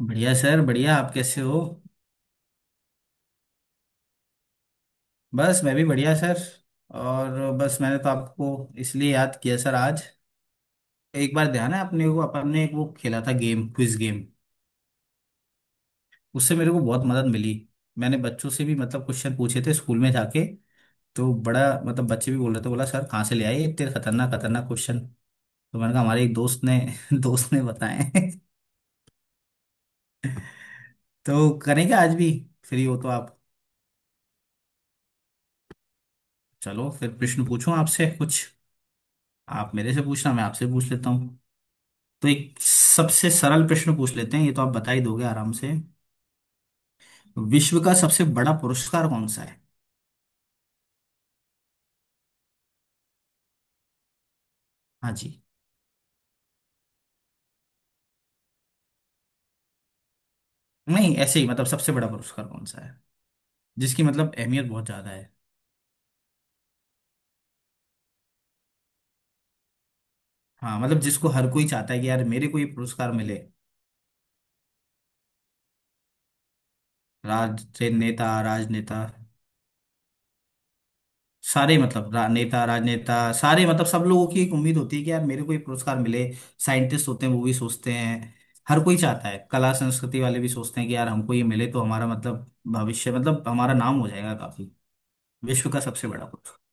बढ़िया सर, बढ़िया। आप कैसे हो? बस मैं भी बढ़िया सर। और बस मैंने तो आपको इसलिए याद किया सर आज। एक बार ध्यान है, आपने एक वो खेला था गेम, क्विज गेम। उससे मेरे को बहुत मदद मिली। मैंने बच्चों से भी, मतलब, क्वेश्चन पूछे थे स्कूल में जाके। तो बड़ा, मतलब, बच्चे भी बोल रहे थे, बोला सर कहाँ से ले आए ये इतने खतरनाक खतरनाक क्वेश्चन। तो मैंने कहा हमारे एक दोस्त ने दोस्त ने बताए हैं। तो करेंगे आज भी, फ्री हो तो आप। चलो फिर प्रश्न पूछूं आपसे कुछ। आप मेरे से पूछना, मैं आपसे पूछ लेता हूँ। तो एक सबसे सरल प्रश्न पूछ लेते हैं, ये तो आप बता ही दोगे आराम से। विश्व का सबसे बड़ा पुरस्कार कौन सा है? हाँ जी। नहीं, ऐसे ही मतलब, सबसे बड़ा पुरस्कार कौन सा है जिसकी मतलब अहमियत बहुत ज्यादा है। हाँ मतलब, जिसको हर कोई चाहता है कि यार मेरे को ये पुरस्कार मिले। राज नेता, राजनेता। सारे मतलब नेता, राजनेता। सारे मतलब, सब लोगों की एक उम्मीद होती है कि यार मेरे को ये पुरस्कार मिले। साइंटिस्ट होते हैं वो भी सोचते हैं। हर कोई चाहता है। कला संस्कृति वाले भी सोचते हैं कि यार हमको ये मिले तो हमारा मतलब भविष्य, मतलब हमारा नाम हो जाएगा काफी। विश्व का सबसे बड़ा पुरस्कार।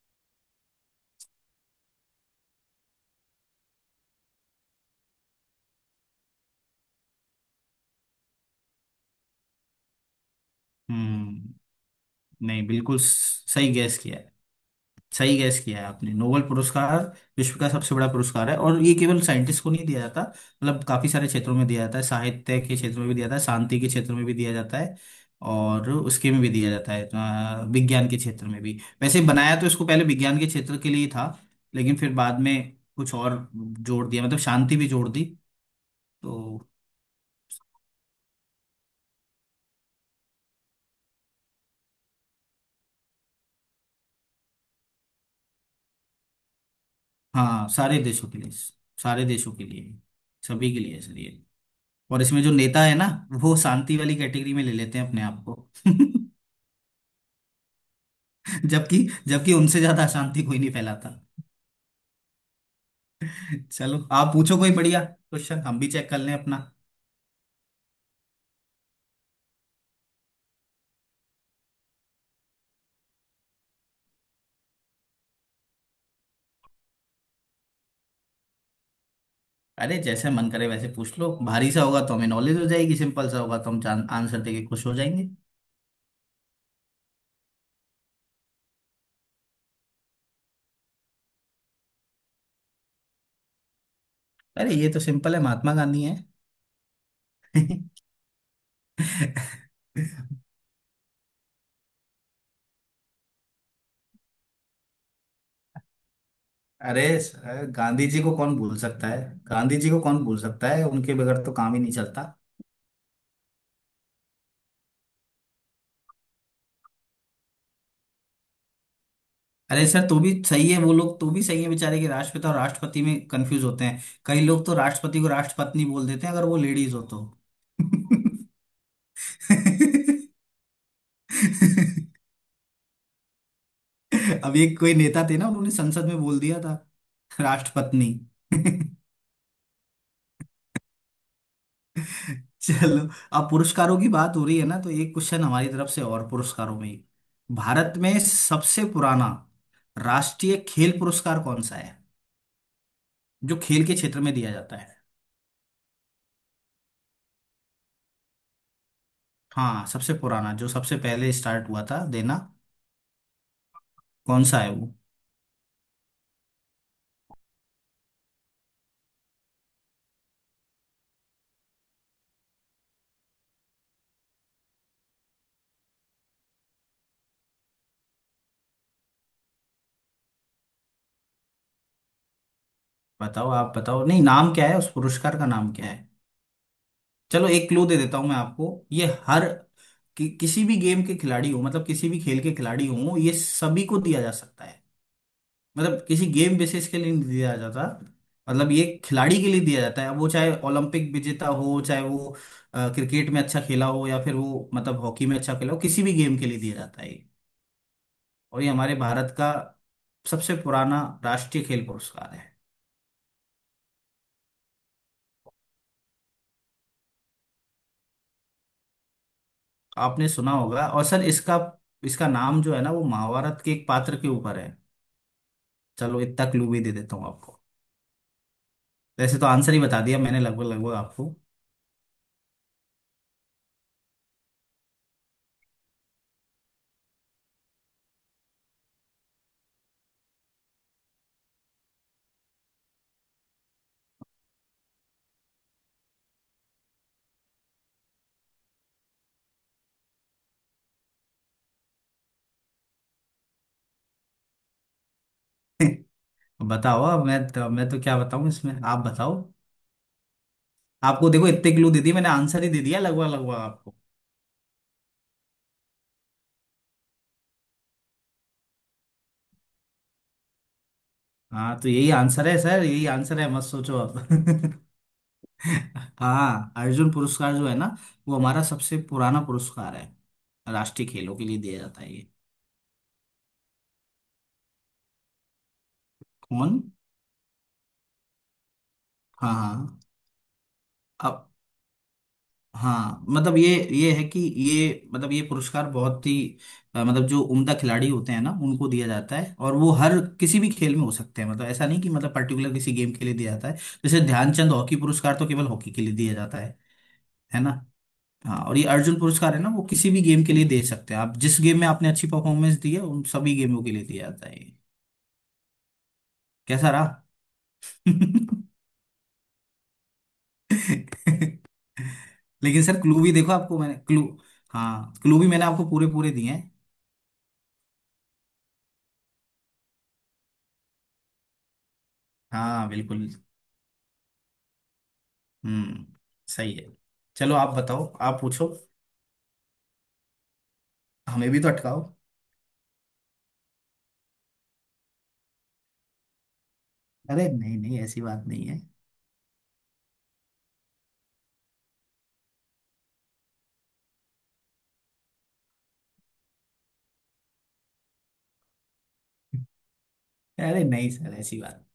हम्म। नहीं, बिल्कुल सही गैस किया है। सही गैस किया है आपने, नोबेल पुरस्कार। विश्व का सबसे बड़ा पुरस्कार है, और ये केवल साइंटिस्ट को नहीं दिया जाता, मतलब काफी सारे क्षेत्रों में दिया जाता है। साहित्य के क्षेत्र में भी दिया जाता है, शांति के क्षेत्र में भी दिया जाता है। और उसके में भी दिया जाता है, विज्ञान के क्षेत्र में भी। वैसे बनाया तो इसको पहले विज्ञान के क्षेत्र के लिए था, लेकिन फिर बाद में कुछ और जोड़ दिया, मतलब शांति भी जोड़ दी, तो। हाँ सारे देशों के लिए, सारे देशों के लिए, सभी के लिए सर ये। और इसमें जो नेता है ना, वो शांति वाली कैटेगरी में ले लेते हैं अपने आप को। जबकि जबकि उनसे ज्यादा अशांति कोई नहीं फैलाता। चलो आप पूछो कोई बढ़िया क्वेश्चन, हम भी चेक कर लें अपना। अरे जैसे मन करे वैसे पूछ लो। भारी सा होगा तो हमें नॉलेज हो जाएगी, सिंपल सा होगा तो हम जान आंसर देके खुश हो जाएंगे। अरे ये तो सिंपल है, महात्मा गांधी है। अरे सर, गांधी जी को कौन भूल सकता है? गांधी जी को कौन भूल सकता है, उनके बगैर तो काम ही नहीं चलता। अरे सर, तो भी सही है वो लोग, तो भी सही है बेचारे, के राष्ट्रपिता और राष्ट्रपति में कंफ्यूज होते हैं। कई लोग तो राष्ट्रपति को राष्ट्रपत्नी बोल देते हैं, अगर वो लेडीज हो तो। अब एक कोई नेता थे ना, उन्होंने संसद में बोल दिया था राष्ट्रपत्नी। चलो। अब पुरस्कारों की बात हो रही है ना, तो एक क्वेश्चन हमारी तरफ से और पुरस्कारों में ही। भारत में सबसे पुराना राष्ट्रीय खेल पुरस्कार कौन सा है? जो खेल के क्षेत्र में दिया जाता है। हाँ, सबसे पुराना, जो सबसे पहले स्टार्ट हुआ था देना। कौन सा है वो? बताओ, आप बताओ। नहीं, नाम क्या है, उस पुरस्कार का नाम क्या है? चलो एक क्लू दे देता हूँ मैं आपको ये हर, किसी भी गेम के खिलाड़ी हो, मतलब किसी भी खेल के खिलाड़ी हो, ये सभी को दिया जा सकता है। मतलब किसी गेम बेसिस के लिए नहीं दिया जाता। मतलब ये खिलाड़ी के लिए दिया जाता है, वो चाहे ओलंपिक विजेता हो, चाहे वो क्रिकेट में अच्छा खेला हो, या फिर वो मतलब हॉकी में अच्छा खेला हो, किसी भी गेम के लिए दिया जाता है। और ये हमारे भारत का सबसे पुराना राष्ट्रीय खेल पुरस्कार है। आपने सुना होगा और सर इसका इसका नाम जो है ना, वो महाभारत के एक पात्र के ऊपर है। चलो इतना क्लू भी दे देता हूँ आपको। वैसे तो आंसर ही बता दिया मैंने लगभग लगभग आपको। बताओ अब मैं तो क्या बताऊं इसमें, आप बताओ। आपको देखो इतने क्लू दे दिए मैंने, आंसर ही दे दिया लगभग लगभग आपको। हाँ तो यही आंसर है सर, यही आंसर है, मत सोचो आप। हाँ, अर्जुन पुरस्कार जो है ना, वो हमारा सबसे पुराना पुरस्कार है। राष्ट्रीय खेलों के लिए दिया जाता है ये। कौन? हाँ हाँ। अब हाँ मतलब ये है कि ये मतलब ये पुरस्कार बहुत ही, मतलब जो उम्दा खिलाड़ी होते हैं ना उनको दिया जाता है, और वो हर किसी भी खेल में हो सकते हैं, मतलब ऐसा नहीं कि मतलब पर्टिकुलर किसी गेम के लिए दिया जाता है। जैसे ध्यानचंद हॉकी पुरस्कार तो केवल हॉकी के लिए दिया जाता है। है ना? हाँ, और ये अर्जुन पुरस्कार है ना, वो किसी भी गेम के लिए दे सकते हैं आप, जिस गेम में आपने अच्छी परफॉर्मेंस दी है उन सभी गेमों के लिए दिया जाता है। कैसा रहा? लेकिन सर क्लू भी देखो आपको मैंने क्लू, हाँ क्लू भी मैंने आपको पूरे पूरे दिए हैं। हाँ बिल्कुल। हम्म। सही है। चलो आप बताओ, आप पूछो, हमें भी तो अटकाओ। अरे नहीं नहीं, ऐसी बात नहीं है। अरे नहीं सर, ऐसी बात।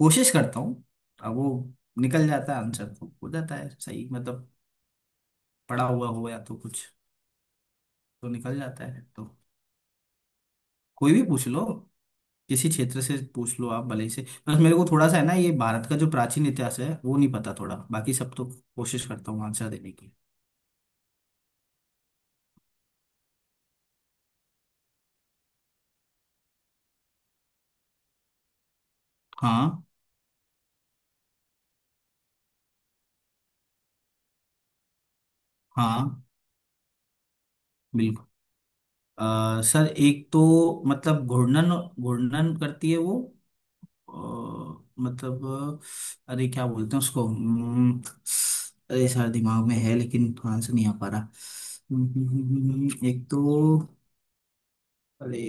कोशिश करता हूँ। अब वो निकल जाता है आंसर, तो हो जाता है सही, मतलब पड़ा हुआ हो या तो कुछ, तो निकल जाता है तो। कोई भी पूछ लो, किसी क्षेत्र से पूछ लो आप, भले ही से। बस मेरे को थोड़ा सा है ना, ये भारत का जो प्राचीन इतिहास है वो नहीं पता थोड़ा, बाकी सब तो। कोशिश करता हूँ आंसर देने की। हाँ। हाँ। बिल्कुल। सर एक तो मतलब घूर्णन, घूर्णन करती है वो। अ, मतलब, अरे क्या बोलते हैं उसको? अरे सर दिमाग में है लेकिन आंसर नहीं आ पा रहा, एक तो, अरे,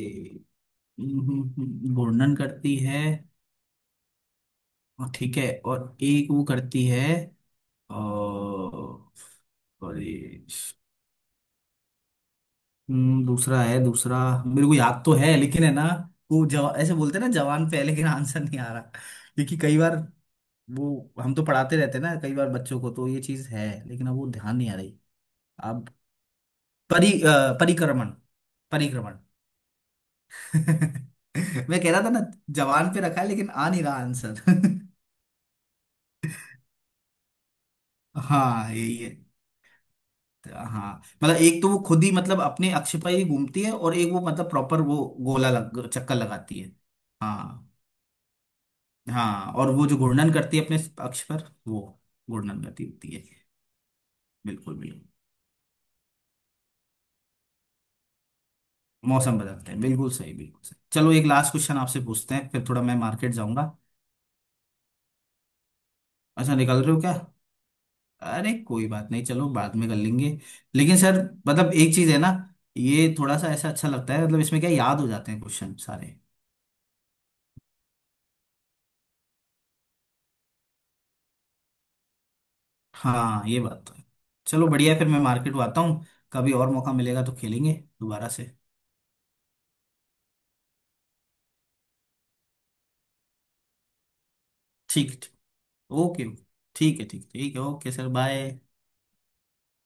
घूर्णन करती है। हाँ, ठीक है, और एक वो करती है, और, सॉरी, दूसरा है दूसरा, मेरे को याद तो है लेकिन है ना, वो जवा ऐसे बोलते हैं ना, जवान पे है लेकिन आंसर नहीं आ रहा, क्योंकि कई बार वो हम तो पढ़ाते रहते हैं ना, कई बार बच्चों को, तो ये चीज है लेकिन अब वो ध्यान नहीं आ रही। अब परिक्रमण, परिक्रमण। मैं कह रहा था ना, जवान पे रखा है लेकिन आ नहीं रहा आंसर। हाँ यही। हाँ मतलब एक तो वो खुद ही, मतलब अपने अक्ष पर ही घूमती है, और एक वो मतलब प्रॉपर वो गोला लग चक्कर लगाती है। हाँ। हाँ और वो जो घूर्णन करती है अपने अक्ष पर, वो घूर्णन करती होती है। बिल्कुल बिल्कुल। मौसम बदलता है, बिल्कुल सही, बिल्कुल सही। चलो एक लास्ट क्वेश्चन आपसे पूछते हैं, फिर थोड़ा मैं मार्केट जाऊंगा। अच्छा, निकल रहे हो क्या? अरे कोई बात नहीं, चलो बाद में कर लेंगे। लेकिन सर, मतलब एक चीज है ना, ये थोड़ा सा ऐसा अच्छा लगता है, मतलब इसमें क्या, याद हो जाते हैं क्वेश्चन सारे। हाँ ये बात तो है। चलो बढ़िया है, फिर मैं मार्केट आता हूँ। कभी और मौका मिलेगा तो खेलेंगे दोबारा से। ठीक, ठीक। Okay okay. ठीक है, ठीक, ठीक है। Okay sir, bye.